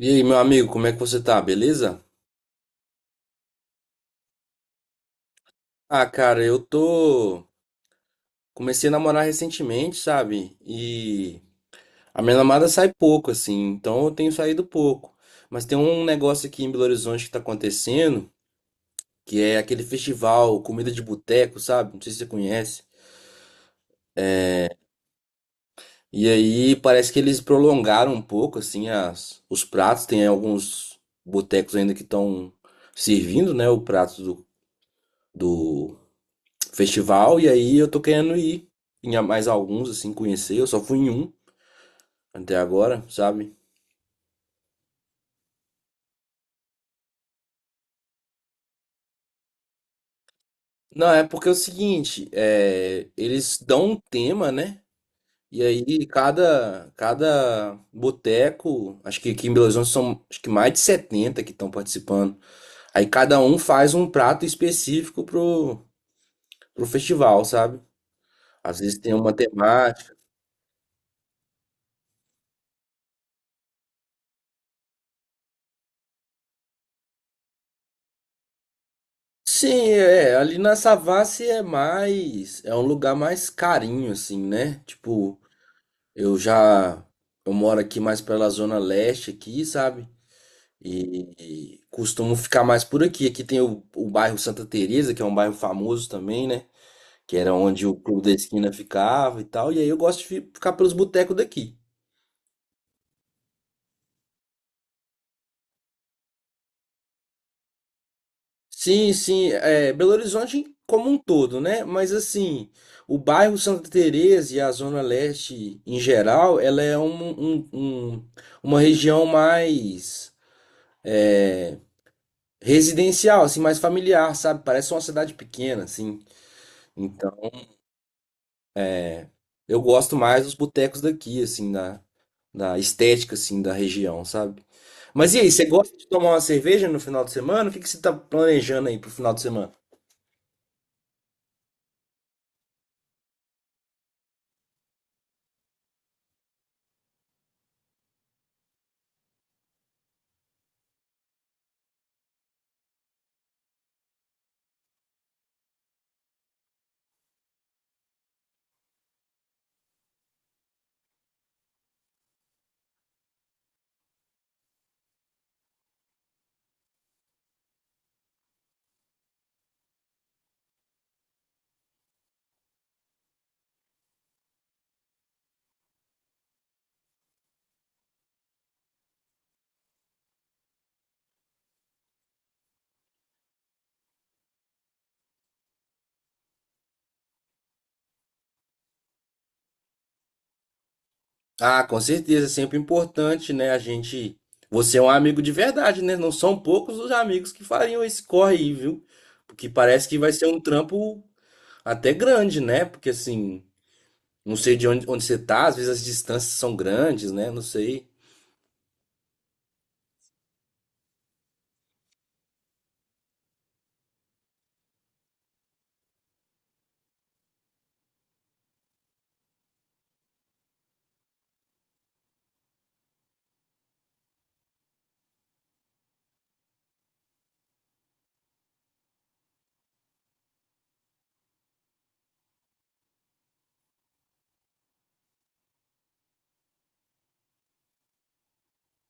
E aí, meu amigo, como é que você tá? Beleza? Ah, cara, eu tô. Comecei a namorar recentemente, sabe? E a minha namorada sai pouco, assim, então eu tenho saído pouco. Mas tem um negócio aqui em Belo Horizonte que tá acontecendo, que é aquele festival Comida de Boteco, sabe? Não sei se você conhece. E aí parece que eles prolongaram um pouco, assim, os pratos. Tem alguns botecos ainda que estão servindo, né? O prato do festival, e aí eu tô querendo ir mais alguns, assim, conhecer. Eu só fui em um até agora, sabe? Não, é porque é o seguinte, eles dão um tema, né? E aí cada boteco, acho que aqui em Belo Horizonte são acho que mais de 70 que estão participando. Aí cada um faz um prato específico pro festival, sabe? Às vezes tem uma temática. Sim, é, ali na Savassi é mais, é um lugar mais carinho, assim, né? Tipo, eu já, eu moro aqui mais pela zona leste aqui, sabe? E costumo ficar mais por aqui. Aqui tem o bairro Santa Teresa, que é um bairro famoso também, né? Que era onde o Clube da Esquina ficava e tal. E aí eu gosto de ficar pelos botecos daqui. Sim, sim, é, Belo Horizonte como um todo, né? Mas assim, o bairro Santa Teresa e a zona leste em geral, ela é uma região mais, é, residencial, assim, mais familiar, sabe? Parece uma cidade pequena, assim. Então, eu gosto mais dos botecos daqui, assim, da estética, assim, da região, sabe? Mas e aí, você gosta de tomar uma cerveja no final de semana? O que que você tá planejando aí pro final de semana? Ah, com certeza, é sempre importante, né? A gente. Você é um amigo de verdade, né? Não são poucos os amigos que fariam esse corre aí, viu? Porque parece que vai ser um trampo até grande, né? Porque assim. Não sei de onde você tá, às vezes as distâncias são grandes, né? Não sei.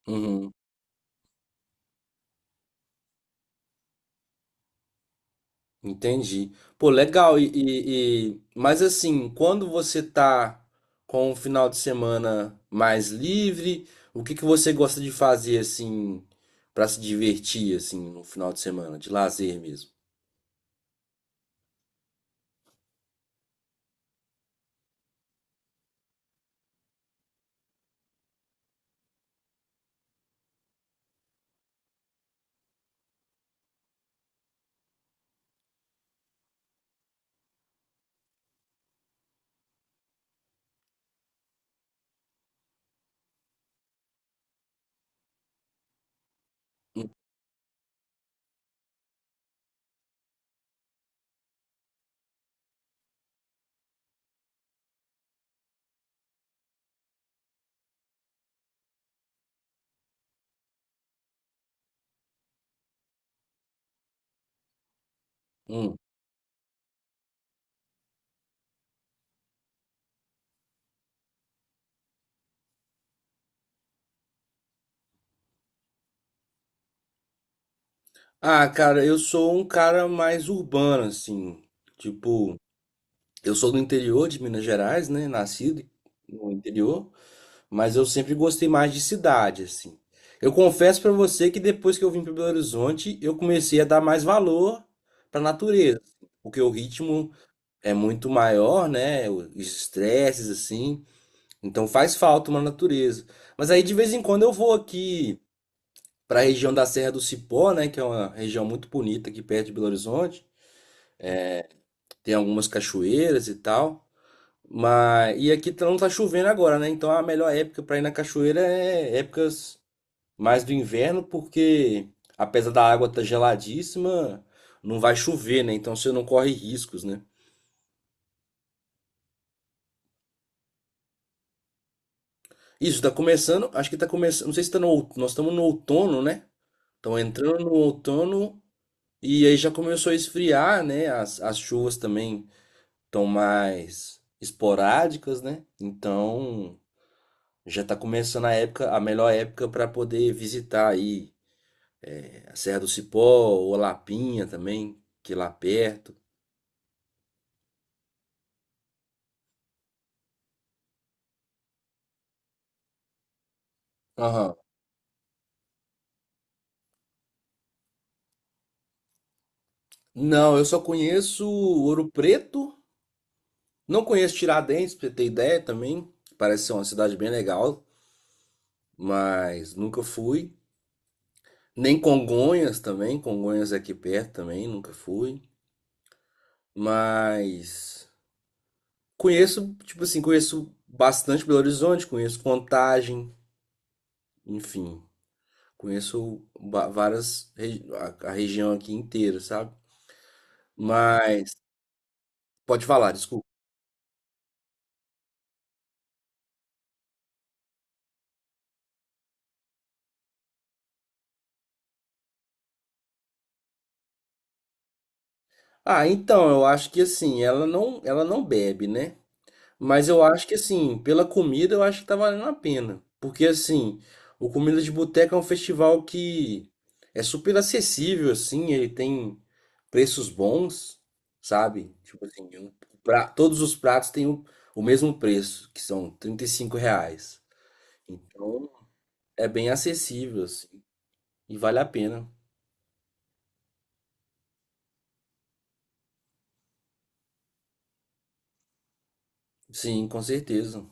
Uhum, entendi. Pô, legal. E, mas assim, quando você tá com um final de semana mais livre, o que que você gosta de fazer, assim, pra se divertir, assim, no final de semana, de lazer mesmo? Hum. Ah, cara, eu sou um cara mais urbano, assim. Tipo, eu sou do interior de Minas Gerais, né? Nascido no interior. Mas eu sempre gostei mais de cidade, assim. Eu confesso pra você que depois que eu vim para Belo Horizonte, eu comecei a dar mais valor pra natureza, porque o ritmo é muito maior, né? Os estresses assim, então faz falta uma natureza. Mas aí de vez em quando eu vou aqui pra região da Serra do Cipó, né, que é uma região muito bonita aqui perto de Belo Horizonte. Tem algumas cachoeiras e tal. Mas e aqui não tá chovendo agora, né? Então a melhor época pra ir na cachoeira é épocas mais do inverno, porque apesar da água estar geladíssima, não vai chover, né? Então você não corre riscos, né? Isso, tá começando, acho que tá começando, não sei se tá no, nós estamos no outono, né? Estão entrando no outono e aí já começou a esfriar, né? As chuvas também estão mais esporádicas, né? Então já tá começando a época, a melhor época para poder visitar aí a Serra do Cipó ou Lapinha também, que é lá perto. Não, eu só conheço Ouro Preto, não conheço Tiradentes, pra você ter ideia também. Parece ser uma cidade bem legal, mas nunca fui. Nem Congonhas também, Congonhas é aqui perto também, nunca fui. Mas conheço, tipo assim, conheço bastante Belo Horizonte, conheço Contagem, enfim, conheço a região aqui inteira, sabe? Mas pode falar, desculpa. Ah, então, eu acho que assim, ela não bebe, né? Mas eu acho que assim, pela comida eu acho que tá valendo a pena. Porque assim, o Comida de Boteca é um festival que é super acessível, assim, ele tem preços bons, sabe? Tipo assim, todos os pratos têm o mesmo preço, que são 35 reais. Então é bem acessível, assim, e vale a pena. Sim, com certeza.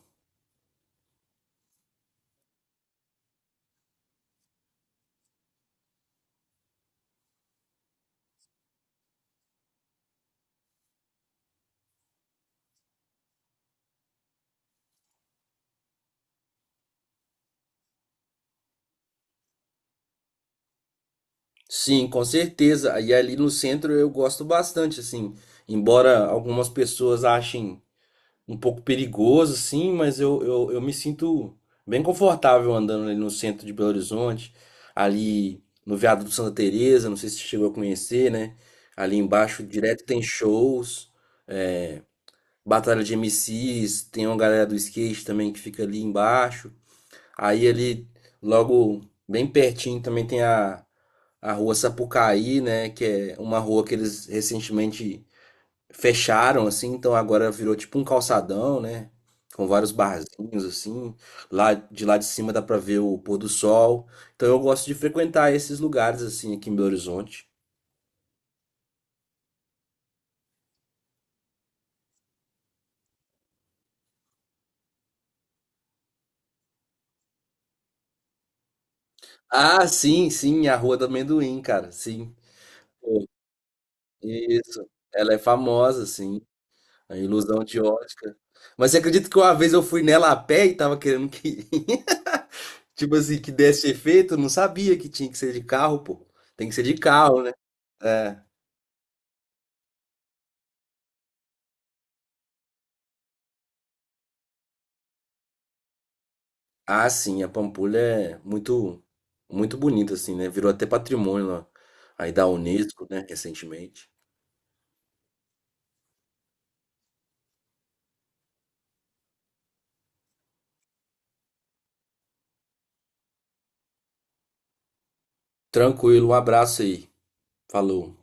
Sim, com certeza. E ali no centro eu gosto bastante, assim, embora algumas pessoas achem um pouco perigoso, sim, mas eu me sinto bem confortável andando ali no centro de Belo Horizonte, ali no Viaduto Santa Teresa, não sei se você chegou a conhecer, né? Ali embaixo direto tem shows, é, batalha de MCs, tem uma galera do skate também que fica ali embaixo. Aí ali logo bem pertinho também tem a rua Sapucaí, né, que é uma rua que eles recentemente fecharam assim, então agora virou tipo um calçadão, né? Com vários barzinhos assim. Lá de cima dá pra ver o pôr do sol. Então eu gosto de frequentar esses lugares assim aqui em Belo Horizonte. Ah, sim, sim, a Rua do Amendoim, cara, sim. Pô, isso. Ela é famosa, sim. A ilusão de ótica. Mas você acredita que uma vez eu fui nela a pé e tava querendo que, tipo assim, que desse efeito? Eu não sabia que tinha que ser de carro, pô. Tem que ser de carro, né? É. Ah, sim, a Pampulha é muito, muito bonita, assim, né? Virou até patrimônio lá, aí da Unesco, né, recentemente. Tranquilo, um abraço aí. Falou.